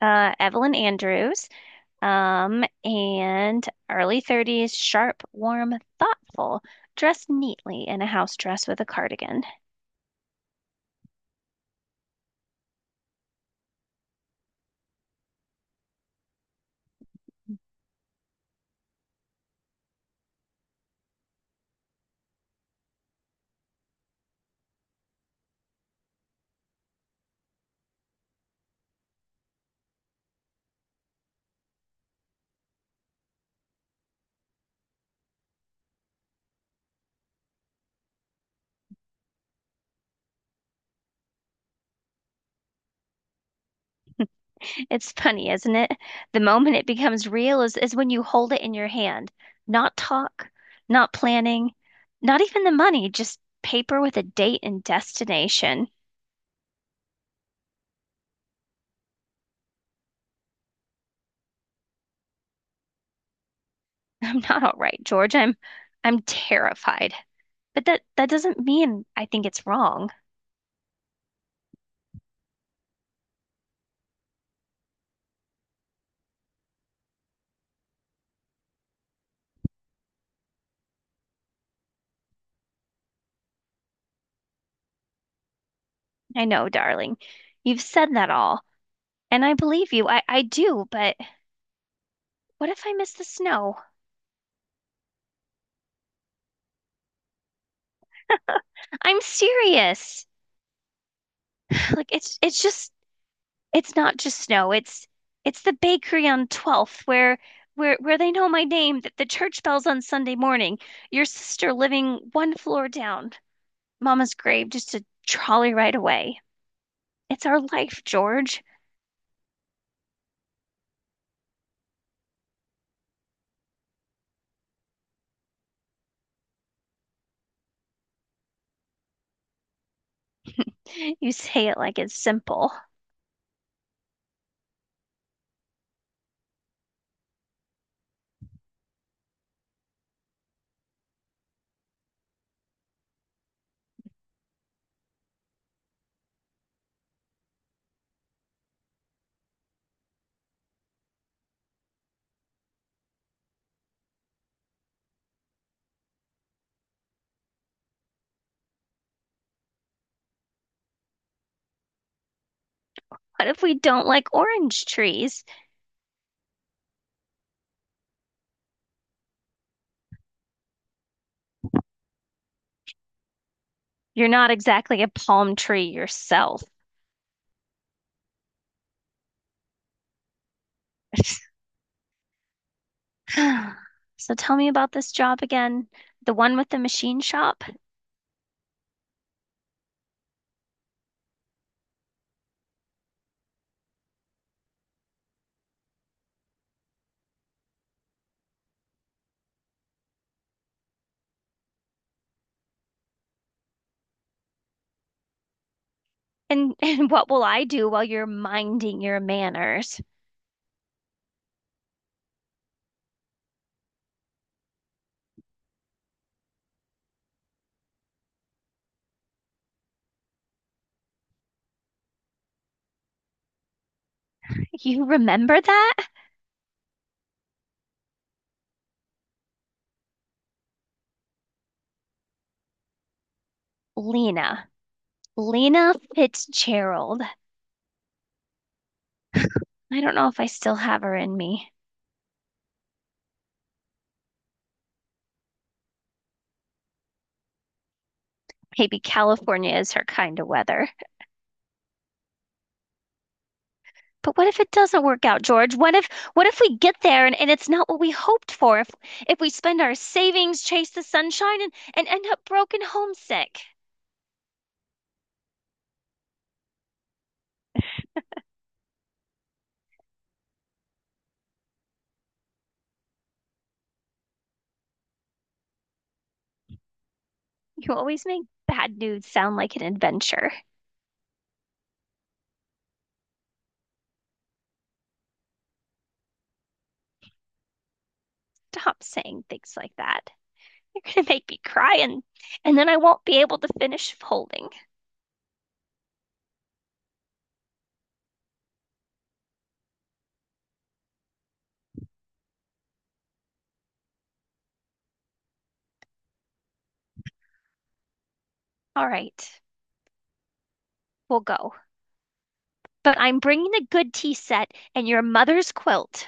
Evelyn Andrews, and early 30s, sharp, warm, thoughtful, dressed neatly in a house dress with a cardigan. It's funny, isn't it? The moment it becomes real is when you hold it in your hand. Not talk, not planning, not even the money, just paper with a date and destination. I'm not all right, George. I'm terrified. But that doesn't mean I think it's wrong. I know, darling. You've said that all. And I believe you. I do, but what if I miss the snow? I'm serious. Like it's just it's not just snow. It's the bakery on 12th where they know my name, that the church bells on Sunday morning, your sister living one floor down, Mama's grave just a trolley ride away. It's our life, George. You say it like it's simple. What if we don't like orange trees? You're not exactly a palm tree yourself. So tell me about this job again, the one with the machine shop, and and what will I do while you're minding your manners? You remember that? Lena. Lena Fitzgerald. I don't know if I still have her in me. Maybe California is her kind of weather. But what if it doesn't work out, George? What if we get there and it's not what we hoped for? If we spend our savings, chase the sunshine, and end up broken homesick. You always make bad news sound like an adventure. Stop saying things like that. You're gonna make me cry and then I won't be able to finish folding. All right, we'll go. But I'm bringing a good tea set and your mother's quilt.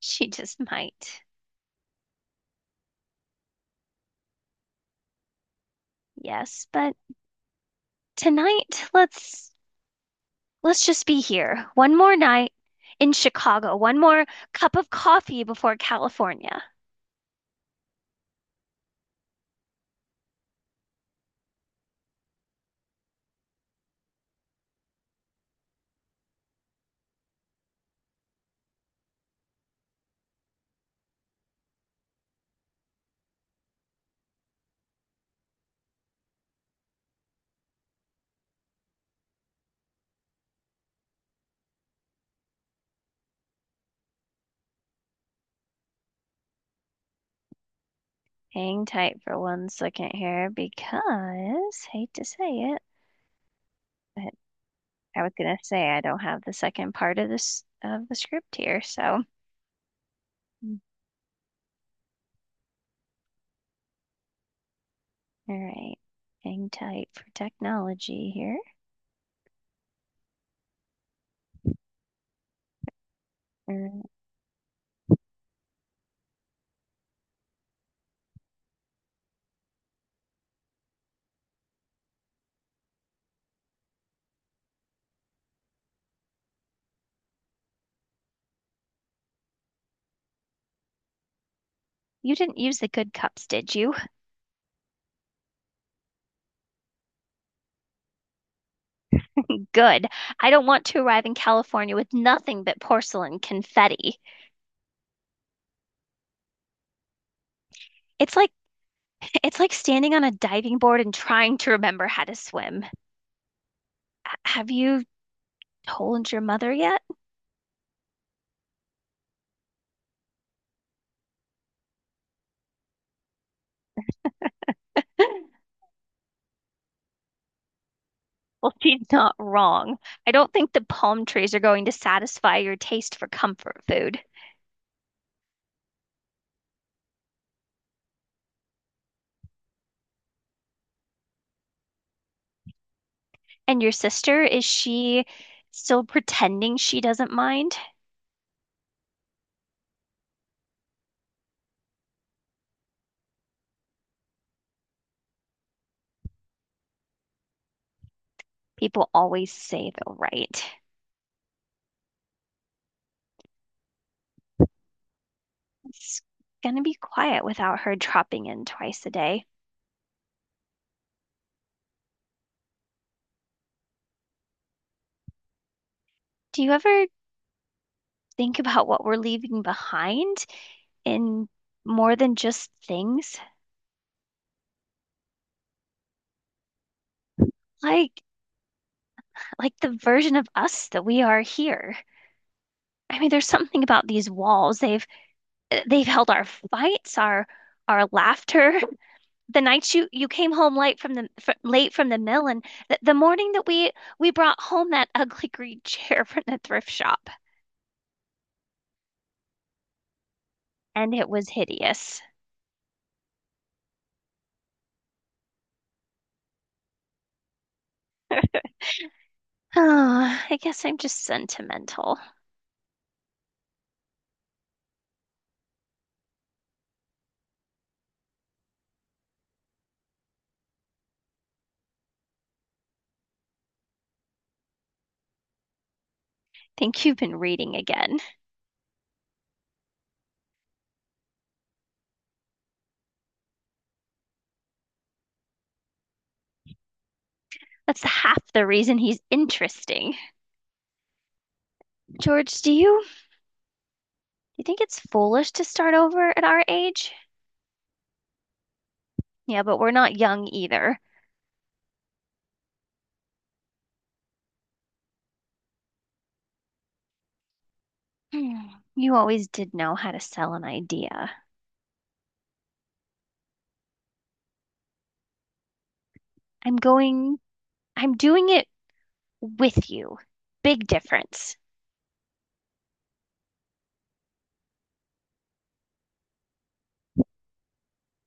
She just might. Yes, but tonight let's just be here. One more night in Chicago. One more cup of coffee before California. Hang tight for 1 second here because hate to say it, but I was gonna say I don't have the second part of this of the script here, so. Mm. All right. Hang tight for technology here. Er, You didn't use the good cups, did you? Good. I don't want to arrive in California with nothing but porcelain confetti. It's like it's like standing on a diving board and trying to remember how to swim. Have you told your mother yet? Well, she's not wrong. I don't think the palm trees are going to satisfy your taste for comfort food. And your sister, is she still pretending she doesn't mind? People always say they'll write. It's gonna be quiet without her dropping in twice a day. Do you ever think about what we're leaving behind in more than just things? Like like the version of us that we are here. I mean, there's something about these walls. They've held our fights, our laughter, the nights you came home late from the fr late from the mill and th the morning that we brought home that ugly green chair from the thrift shop and it was hideous. Oh, I guess I'm just sentimental. Think you've been reading again. That's half the reason he's interesting. George, do you think it's foolish to start over at our age? Yeah, but we're not young either. Hmm, you always did know how to sell an idea. I'm going, I'm doing it with you. Big difference.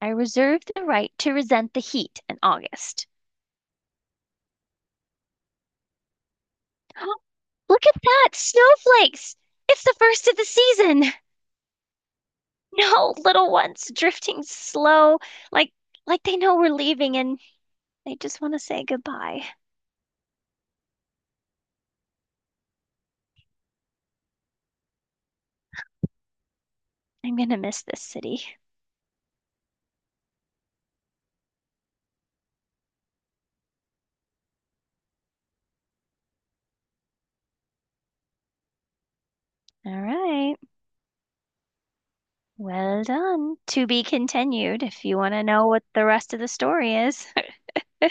I reserve the right to resent the heat in August. Look at that! Snowflakes! It's the first of the season! No, little ones drifting slow, like like they know we're leaving and they just want to say goodbye. I'm gonna miss this city. All right. Well done. To be continued if you want to know what the rest of the story is.